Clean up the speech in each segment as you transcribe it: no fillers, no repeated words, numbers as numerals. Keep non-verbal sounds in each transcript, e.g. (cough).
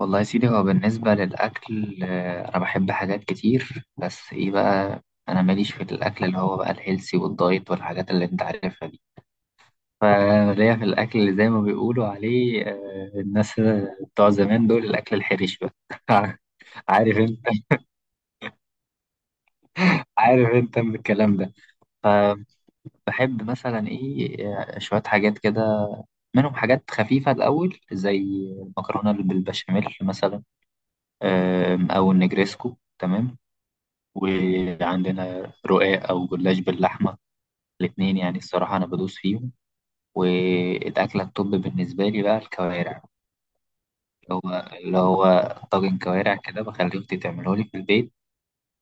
والله يا سيدي هو بالنسبة للأكل أنا بحب حاجات كتير، بس إيه بقى. أنا ماليش في الأكل اللي هو بقى الهيلسي والدايت والحاجات اللي أنت عارفها دي. فليا في الأكل اللي زي ما بيقولوا عليه، الناس بتوع زمان دول، الأكل الحرش بقى. (laughs) عارف أنت عارف أنت من الكلام ده. فبحب مثلا إيه، شوية حاجات كده، منهم حاجات خفيفة الأول زي المكرونة بالبشاميل مثلا، أو النجريسكو، تمام. وعندنا رقاق أو جلاش باللحمة، الاتنين يعني الصراحة أنا بدوس فيهم. والأكلة الطب بالنسبة لي بقى الكوارع، اللي هو طاجن كوارع كده بخلي أختي تعمله لي في البيت،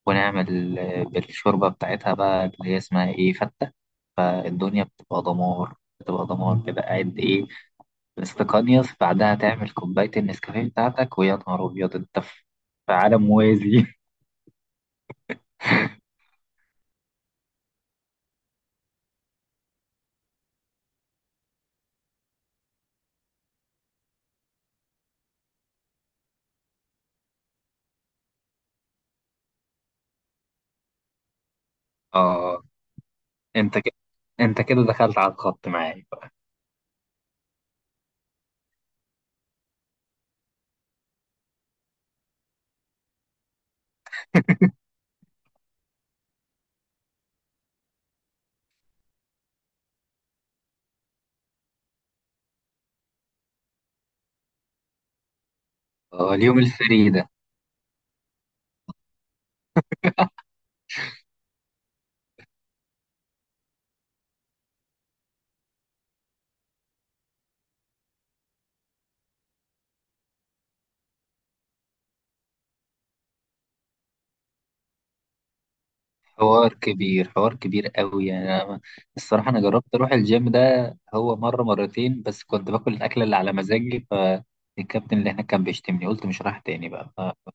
ونعمل بالشوربة بتاعتها بقى اللي هي اسمها إيه، فتة. فالدنيا بتبقى دمار، بتبقى دمار كده، قاعد إيه، مستقنيص، بعدها تعمل كوباية النسكافيه بتاعتك، ويا نهار أبيض، أنت في في عالم موازي. (laughs) آه. أنت كده أنت كده دخلت على الخط معايا. (laughs) اليوم الفري ده. حوار كبير، حوار كبير قوي. يعني أنا الصراحة أنا جربت أروح الجيم ده هو مرة مرتين، بس كنت باكل الأكلة اللي على مزاجي، فالكابتن اللي هناك كان بيشتمني، قلت مش رايح تاني بقى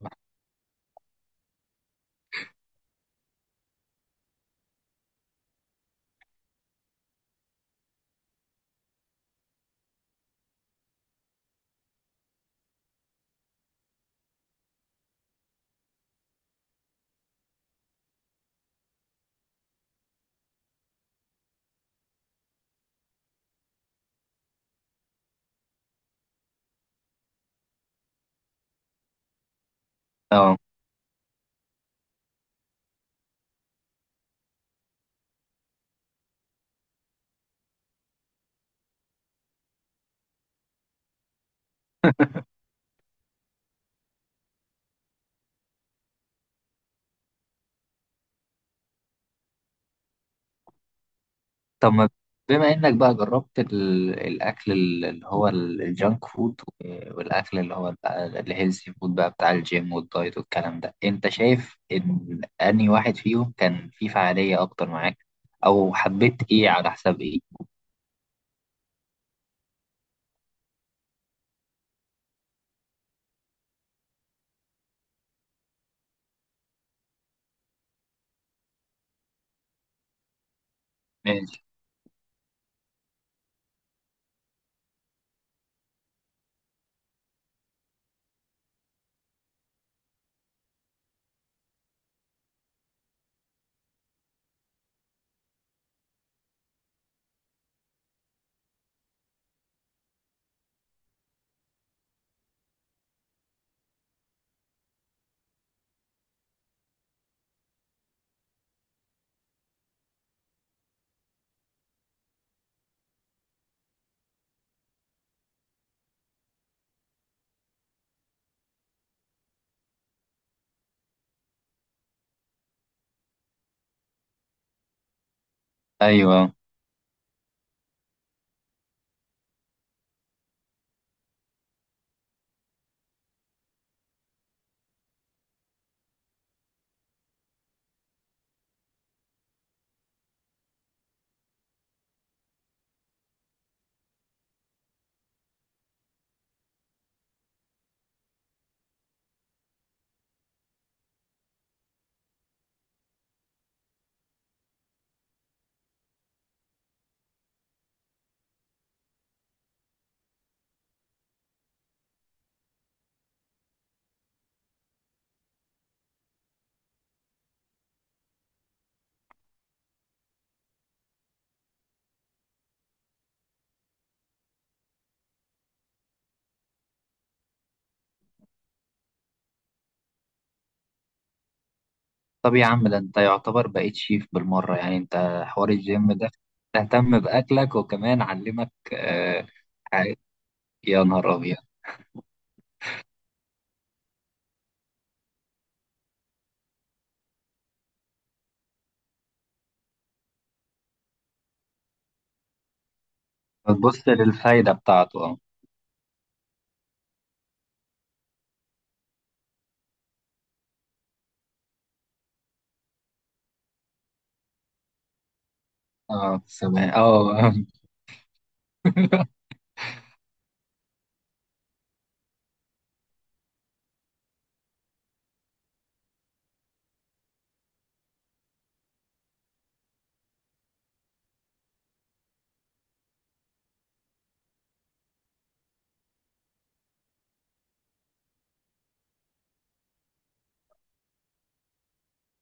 آه. طب ما، بما إنك بقى جربت الأكل اللي هو الجانك فود، والأكل اللي هو بقى الهيلثي فود بقى بتاع الجيم والدايت والكلام ده، أنت شايف إن أنهي واحد فيهم كان فيه فعالية أكتر معاك، أو حبيت إيه على حساب إيه؟ ايوه. طب يا عم، ده انت يعتبر بقيت شيف بالمره. يعني انت، حوار الجيم ده، تهتم باكلك، وكمان علمك آه حاجة. يا نهار ابيض. بتبص للفايده بتاعته، اه. اه، سمع، اه. (laughs)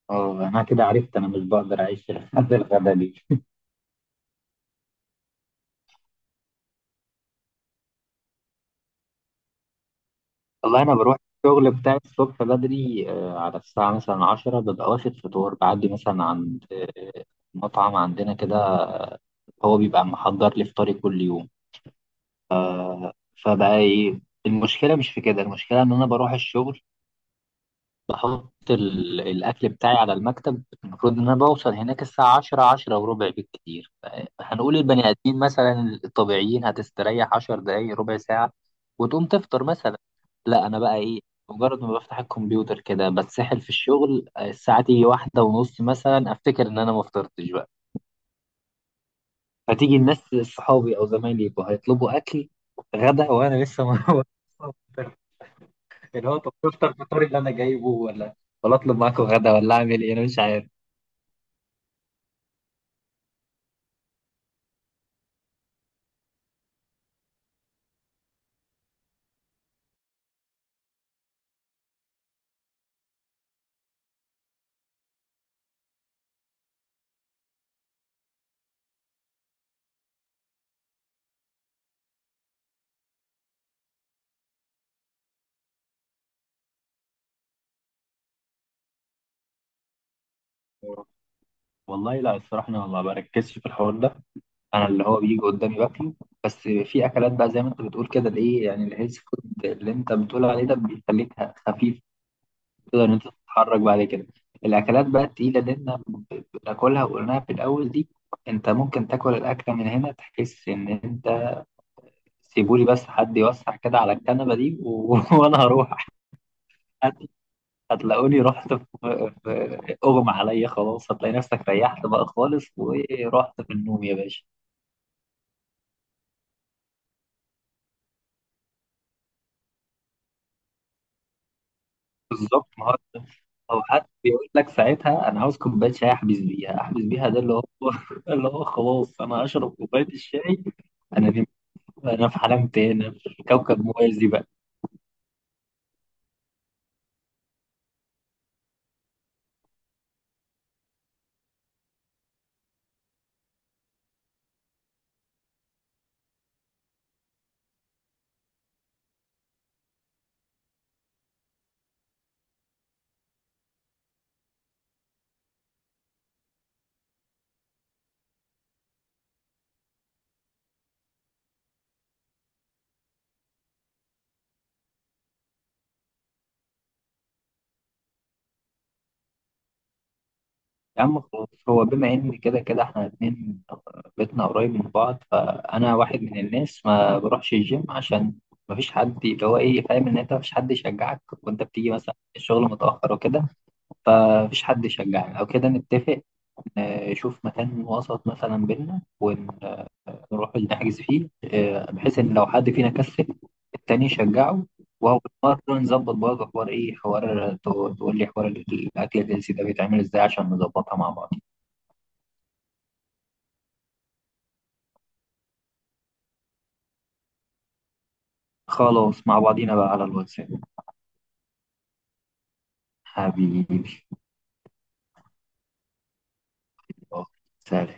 اه، انا كده عرفت انا مش بقدر اعيش لحد الغدا دي. والله انا بروح الشغل بتاعي الصبح بدري، على الساعه مثلا 10، ببقى واخد فطور بعدي مثلا عند مطعم عندنا كده، هو بيبقى محضر لي فطاري كل يوم. فبقى ايه، المشكله مش في كده، المشكله ان انا بروح الشغل بحط الاكل بتاعي على المكتب. المفروض ان انا بوصل هناك الساعه 10، 10 وربع بالكتير. هنقول البني ادمين مثلا الطبيعيين هتستريح 10 دقايق، ربع ساعه، وتقوم تفطر مثلا. لا انا بقى ايه، مجرد ما بفتح الكمبيوتر كده بتسحل في الشغل، الساعه تيجي واحدة ونص مثلا افتكر ان انا ما فطرتش بقى. فتيجي الناس، صحابي او زمايلي، يبقوا هيطلبوا اكل غدا، وانا لسه ما. (laughs) اللي هو، طب تفطر الفطار اللي انا جايبه، ولا اطلب معاكم غدا، ولا اعمل ايه، انا مش عارف. والله لا، الصراحة أنا ما بركزش في الحوار ده. أنا اللي هو بيجي قدامي باكله، بس في أكلات بقى زي ما أنت بتقول كده، اللي إيه يعني الهيلث فود اللي أنت بتقول عليه ده، بيخليك خفيف، تقدر إن أنت تتحرك بعد كده. الأكلات بقى التقيلة اللي إحنا بناكلها وقلناها في الأول دي، أنت ممكن تاكل الأكلة من هنا تحس إن أنت، سيبولي بس حد يوسع كده على الكنبة دي (laughs) وأنا هروح. هتلاقوني رحت في اغمى عليا خلاص. هتلاقي نفسك ريحت بقى خالص ورحت في النوم يا باشا. بالظبط، ما هو (laughs) او حد بيقول لك ساعتها، انا عاوز كوبايه شاي احبس بيها، احبس بيها، ده اللي هو (laughs) اللي هو خلاص، انا هشرب كوبايه الشاي. انا نمت، انا في عالم تاني، أنا في كوكب موازي بقى. يا عم خلاص، هو بما ان كده كده احنا الاتنين بيتنا قريب من بعض، فانا واحد من الناس ما بروحش الجيم عشان ما فيش حد اللي هو ايه، فاهم ان انت ما فيش حد يشجعك، وانت بتيجي مثلا الشغل متاخر وكده، فما فيش حد يشجعك. او كده نتفق، نشوف مكان وسط مثلا بينا ونروح نحجز فيه، بحيث ان لو حد فينا كسل التاني يشجعه. وهو مرة نظبط برضه حوار ايه، حوار، تقول لي حوار الاكل الجنسي ده بيتعمل ازاي عشان نظبطها مع بعض. خلاص مع بعضينا بقى على الواتساب. حبيبي. آه، سلام.